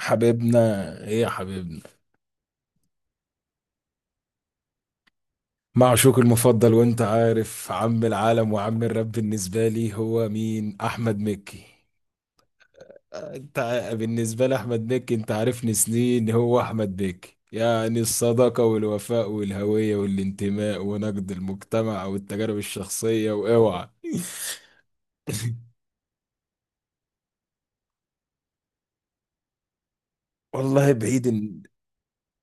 حبيبنا. ايه يا حبيبنا؟ معشوق المفضل، وانت عارف عم العالم وعم الرب بالنسبة لي هو مين؟ احمد مكي. بالنسبة لاحمد مكي، انت عارفني سنين، هو احمد مكي يعني الصداقة والوفاء والهوية والانتماء ونقد المجتمع والتجارب الشخصية. واوعى. والله بعيد،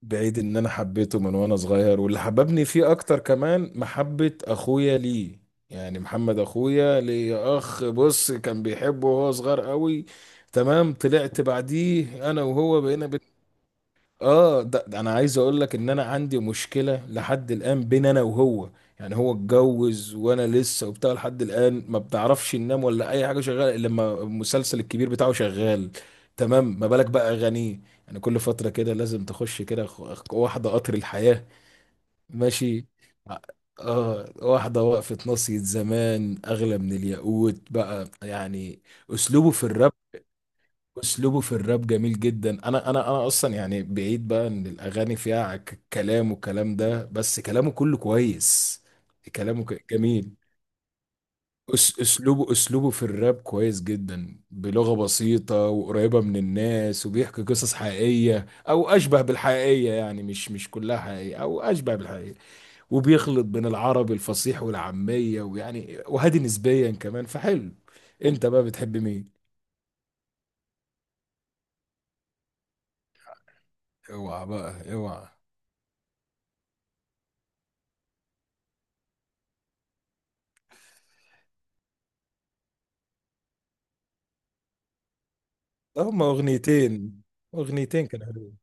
بعيد ان انا حبيته من وانا صغير، واللي حببني فيه اكتر كمان محبة اخويا ليه. يعني محمد اخويا ليه اخ، بص كان بيحبه وهو صغير قوي. تمام، طلعت بعديه انا وهو بقينا. اه ده انا عايز اقول لك ان انا عندي مشكله لحد الان بين انا وهو. يعني هو اتجوز وانا لسه وبتاع، لحد الان ما بنعرفش ننام ولا اي حاجه، شغاله الا لما المسلسل الكبير بتاعه شغال. تمام، ما بالك بقى اغانيه. يعني كل فتره كده لازم تخش كده واحده قطر الحياه. ماشي. اه، واحده وقفت ناصية زمان اغلى من الياقوت بقى يعني. اسلوبه في الراب اسلوبه في الراب جميل جدا. انا اصلا يعني بعيد بقى ان الاغاني فيها كلام، والكلام ده بس كلامه كله كويس. كلامه جميل. اسلوبه اسلوبه في الراب كويس جدا، بلغة بسيطة وقريبة من الناس، وبيحكي قصص حقيقية او اشبه بالحقيقية. يعني مش كلها حقيقية او اشبه بالحقيقية. وبيخلط بين العربي الفصيح والعامية، ويعني وهادي نسبيا كمان، فحلو. انت بقى بتحب مين؟ اوعى بقى اوعى. هما أغنيتين. أغنيتين كانوا حلوين.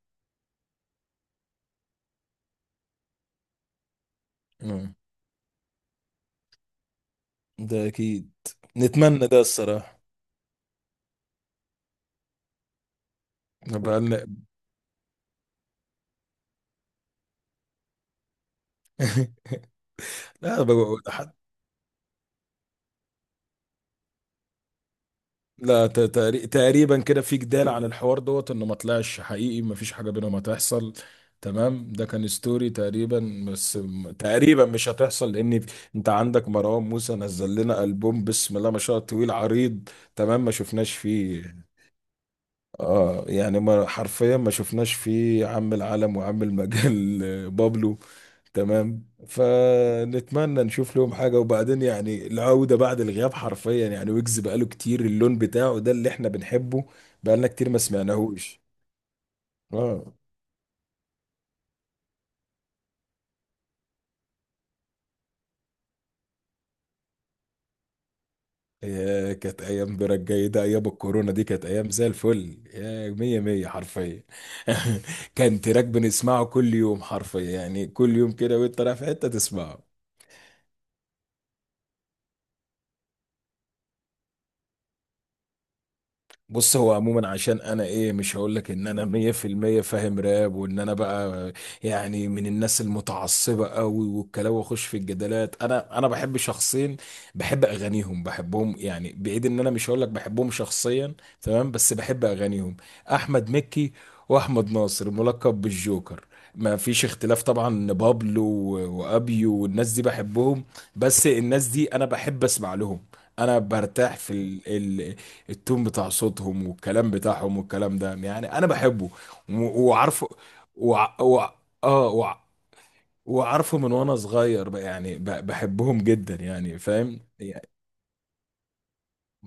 أمم، ده أكيد، نتمنى ده الصراحة. نبقى لنا- لا بقول حد. لا تقريبا كده في جدال عن الحوار دوت، انه ما طلعش حقيقي، ما فيش حاجه بينهم هتحصل. تمام، ده كان ستوري تقريبا، بس تقريبا مش هتحصل، لان انت عندك مروان موسى نزل لنا البوم بسم الله ما شاء الله طويل عريض. تمام، ما شفناش فيه. اه يعني، ما حرفيا ما شفناش فيه عم العالم وعم المجال. بابلو. تمام، فنتمنى نشوف لهم حاجة، وبعدين يعني العودة بعد الغياب حرفيا، يعني ويجز بقاله كتير اللون بتاعه ده اللي احنا بنحبه. بقالنا كتير ما سمعناهوش. اه، يا كانت ايام برك جيدة، ايام الكورونا دي كانت ايام زي الفل، يا مية مية حرفيا. كان تراك بنسمعه كل يوم حرفيا، يعني كل يوم كده، وانت رايح في حتة تسمعه. بص هو عموما، عشان انا ايه، مش هقول لك ان انا مية في المية فاهم راب، وان انا بقى يعني من الناس المتعصبة قوي والكلام واخش في الجدالات. انا بحب شخصين، بحب اغانيهم، بحبهم، يعني بعيد ان انا مش هقول لك بحبهم شخصيا، تمام، بس بحب اغانيهم: احمد مكي، واحمد ناصر ملقب بالجوكر. ما فيش اختلاف طبعا إن بابلو و- وابيو والناس دي بحبهم، بس الناس دي انا بحب اسمع لهم. انا برتاح في التون بتاع صوتهم والكلام بتاعهم والكلام ده، يعني انا بحبه. و- وعارفه وع... وع... اه وع... وعارفه من وانا صغير بقى، يعني بحبهم جدا، يعني فاهم يعني.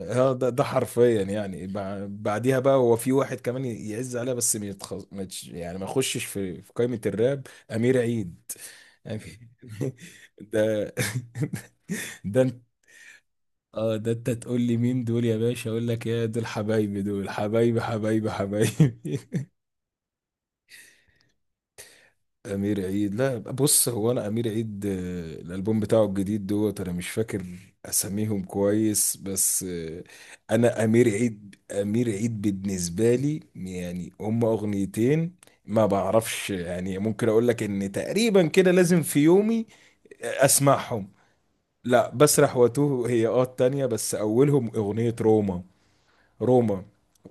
اه ده حرفيا، يعني بعديها بقى هو في واحد كمان يعز عليها، بس ما يتخ... ما يتش- يعني ما يخشش في قائمة الراب، أمير عيد. يعني ده ده انت. اه، ده انت تقول لي مين دول يا باشا، اقول لك يا دول حبايبي، دول حبايبي، حبايبي، حبايبي. امير عيد، لا بص، هو انا، امير عيد الالبوم بتاعه الجديد دوت، انا مش فاكر اساميهم كويس، بس انا امير عيد، امير عيد بالنسبه لي يعني هما اغنيتين. ما بعرفش، يعني ممكن اقول لك ان تقريبا كده لازم في يومي اسمعهم. لا بسرح واتوه هي التانية، بس اولهم اغنيه روما. روما.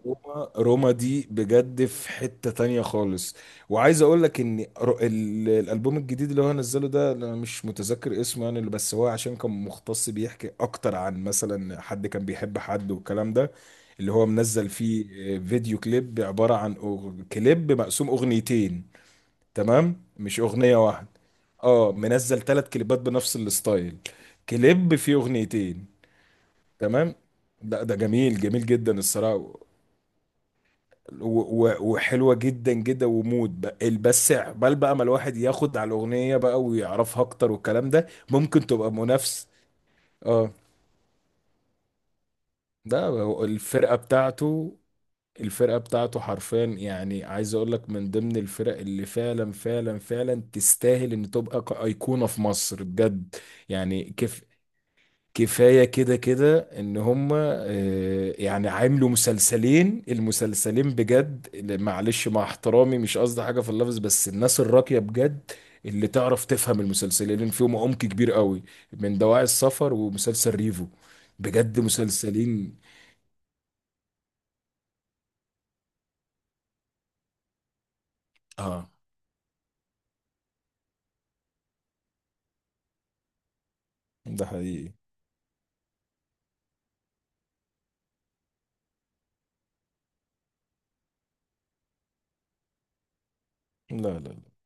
روما، روما دي بجد في حتة تانية خالص. وعايز اقول لك ان الالبوم الجديد اللي هو نزله ده انا مش متذكر اسمه، يعني اللي بس هو عشان كان مختص بيحكي اكتر عن مثلا حد كان بيحب حد والكلام ده، اللي هو منزل فيه فيديو كليب عبارة عن كليب مقسوم اغنيتين. تمام، مش اغنية واحدة. اه، منزل ثلاث كليبات بنفس الستايل، كليب فيه اغنيتين. تمام. لا ده جميل، جميل جدا الصراحة. و- و- وحلوه جدا جدا ومود بس عقبال بقى ما الواحد ياخد على الاغنيه بقى ويعرفها اكتر والكلام ده، ممكن تبقى منافس. اه، ده هو الفرقه بتاعته. الفرقه بتاعته حرفيا يعني، عايز اقول لك من ضمن الفرق اللي فعلا فعلا فعلا تستاهل ان تبقى ايقونه في مصر بجد. يعني كيف، كفاية كده كده ان هم يعني عاملوا مسلسلين. المسلسلين بجد معلش مع احترامي، مش قصدي حاجة في اللفظ، بس الناس الراقية بجد اللي تعرف تفهم، المسلسلين فيهم عمق كبير قوي، من دواعي السفر ومسلسل ريفو، بجد مسلسلين. اه ده حقيقي. لا لا لا.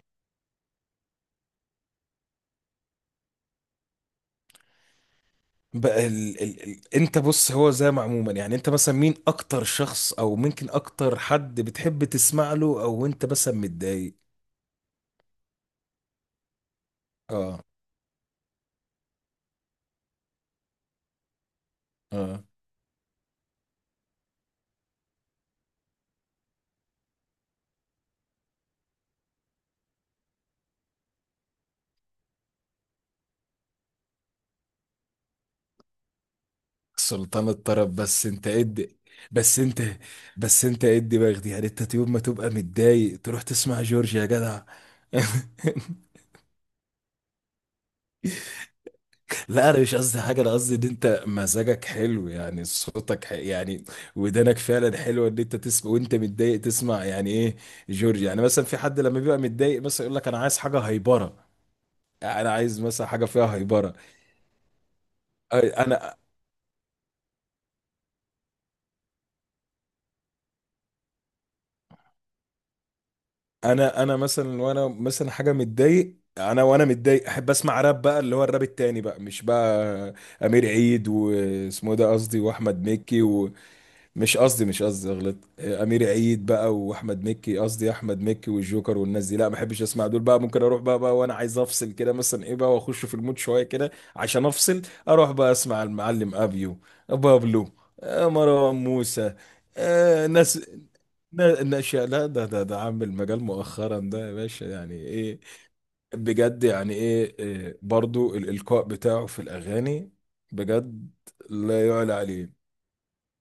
بقى انت بص، هو زي ما عموما يعني انت مثلا مين اكتر شخص او ممكن اكتر حد بتحب تسمع له، او انت مثلا متضايق. اه اه. سلطان الطرب، بس انت ادي. بس انت بس انت ادي باخدي، يعني انت يوم ما تبقى متضايق تروح تسمع جورج يا جدع. لا انا مش قصدي حاجه، انا قصدي ان انت مزاجك حلو، يعني صوتك يعني ودانك فعلا حلوه ان انت تسمع، وانت متضايق تسمع يعني ايه جورج. يعني مثلا في حد لما بيبقى متضايق مثلا يقول لك انا عايز حاجه هايبره، يعني انا عايز مثلا حاجه فيها هايبره. انا انا مثلا، وانا مثلا حاجه متضايق، انا وانا متضايق احب اسمع راب بقى، اللي هو الراب التاني بقى، مش بقى امير عيد واسمه إيه ده قصدي، واحمد مكي مش قصدي، مش قصدي غلط، امير عيد بقى واحمد مكي، قصدي احمد مكي والجوكر والناس دي، لا ما بحبش اسمع دول بقى، ممكن اروح بقى وانا عايز افصل كده مثلا ايه بقى، واخش في المود شويه كده عشان افصل، اروح بقى اسمع المعلم ابيو، بابلو، مروان موسى. ناس ناشئ، لا ده عامل المجال مؤخرا ده يا باشا، يعني ايه، بجد يعني ايه إيه، برضو الإلقاء بتاعه في الأغاني بجد، لا يعلى عليه.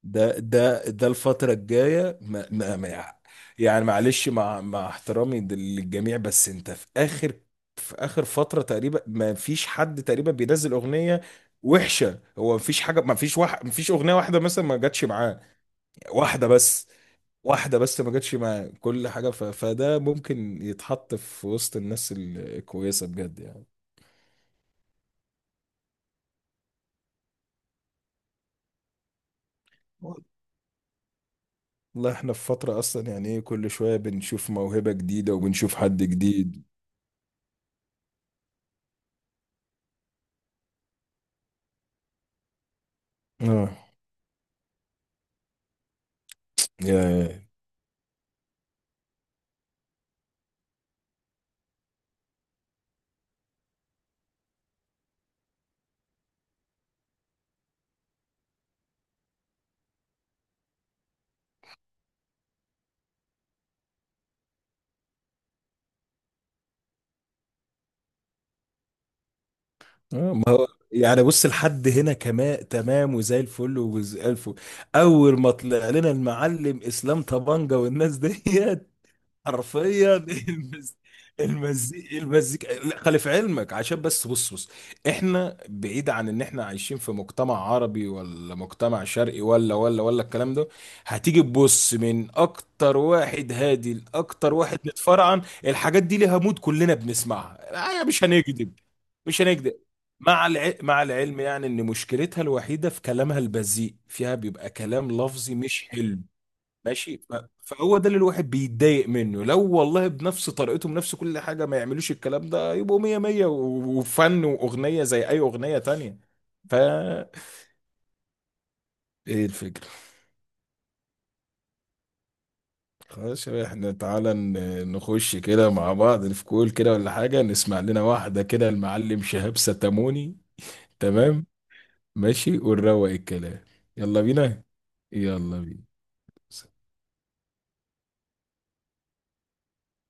ده الفترة الجاية، ما ما ما يعني معلش، مع احترامي للجميع، بس انت في اخر فترة تقريبا ما فيش حد تقريبا بينزل اغنية وحشة، هو ما فيش حاجة، ما فيش واحد، ما فيش اغنية واحدة مثلا ما جاتش معاه. واحدة بس، واحدة بس ما جاتش معاه كل حاجة، فده ممكن يتحط في وسط الناس الكويسة بجد يعني. والله احنا في فترة اصلا، يعني ايه، كل شوية بنشوف موهبة جديدة وبنشوف حد جديد. اه يا آه، ما هو يعني بص، لحد هنا كمان تمام، وزي الفل وزي الفل. اول ما طلع لنا المعلم اسلام طبنجة والناس ديت حرفيا. المزيكا لا، خلي في علمك، عشان بس بص بص. احنا بعيد عن ان احنا عايشين في مجتمع عربي ولا مجتمع شرقي، ولا الكلام ده. هتيجي تبص من اكتر واحد هادي لاكتر واحد متفرعن، الحاجات دي ليها مود، كلنا بنسمعها، يعني مش هنكذب. مش هنكذب، مع مع العلم يعني ان مشكلتها الوحيدة في كلامها البذيء، فيها بيبقى كلام لفظي مش حلو، ماشي. فهو ده اللي الواحد بيتضايق منه، لو والله بنفس طريقته بنفس كل حاجة ما يعملوش الكلام ده، يبقوا مية مية وفن، وأغنية زي أي أغنية تانية. ف ايه الفكرة؟ خلاص يا باشا، احنا تعالى نخش كده مع بعض في كول كده ولا حاجة، نسمع لنا واحدة كده المعلم شهاب ستاموني. تمام، ماشي، ونروق الكلام. يلا بينا، يلا بينا.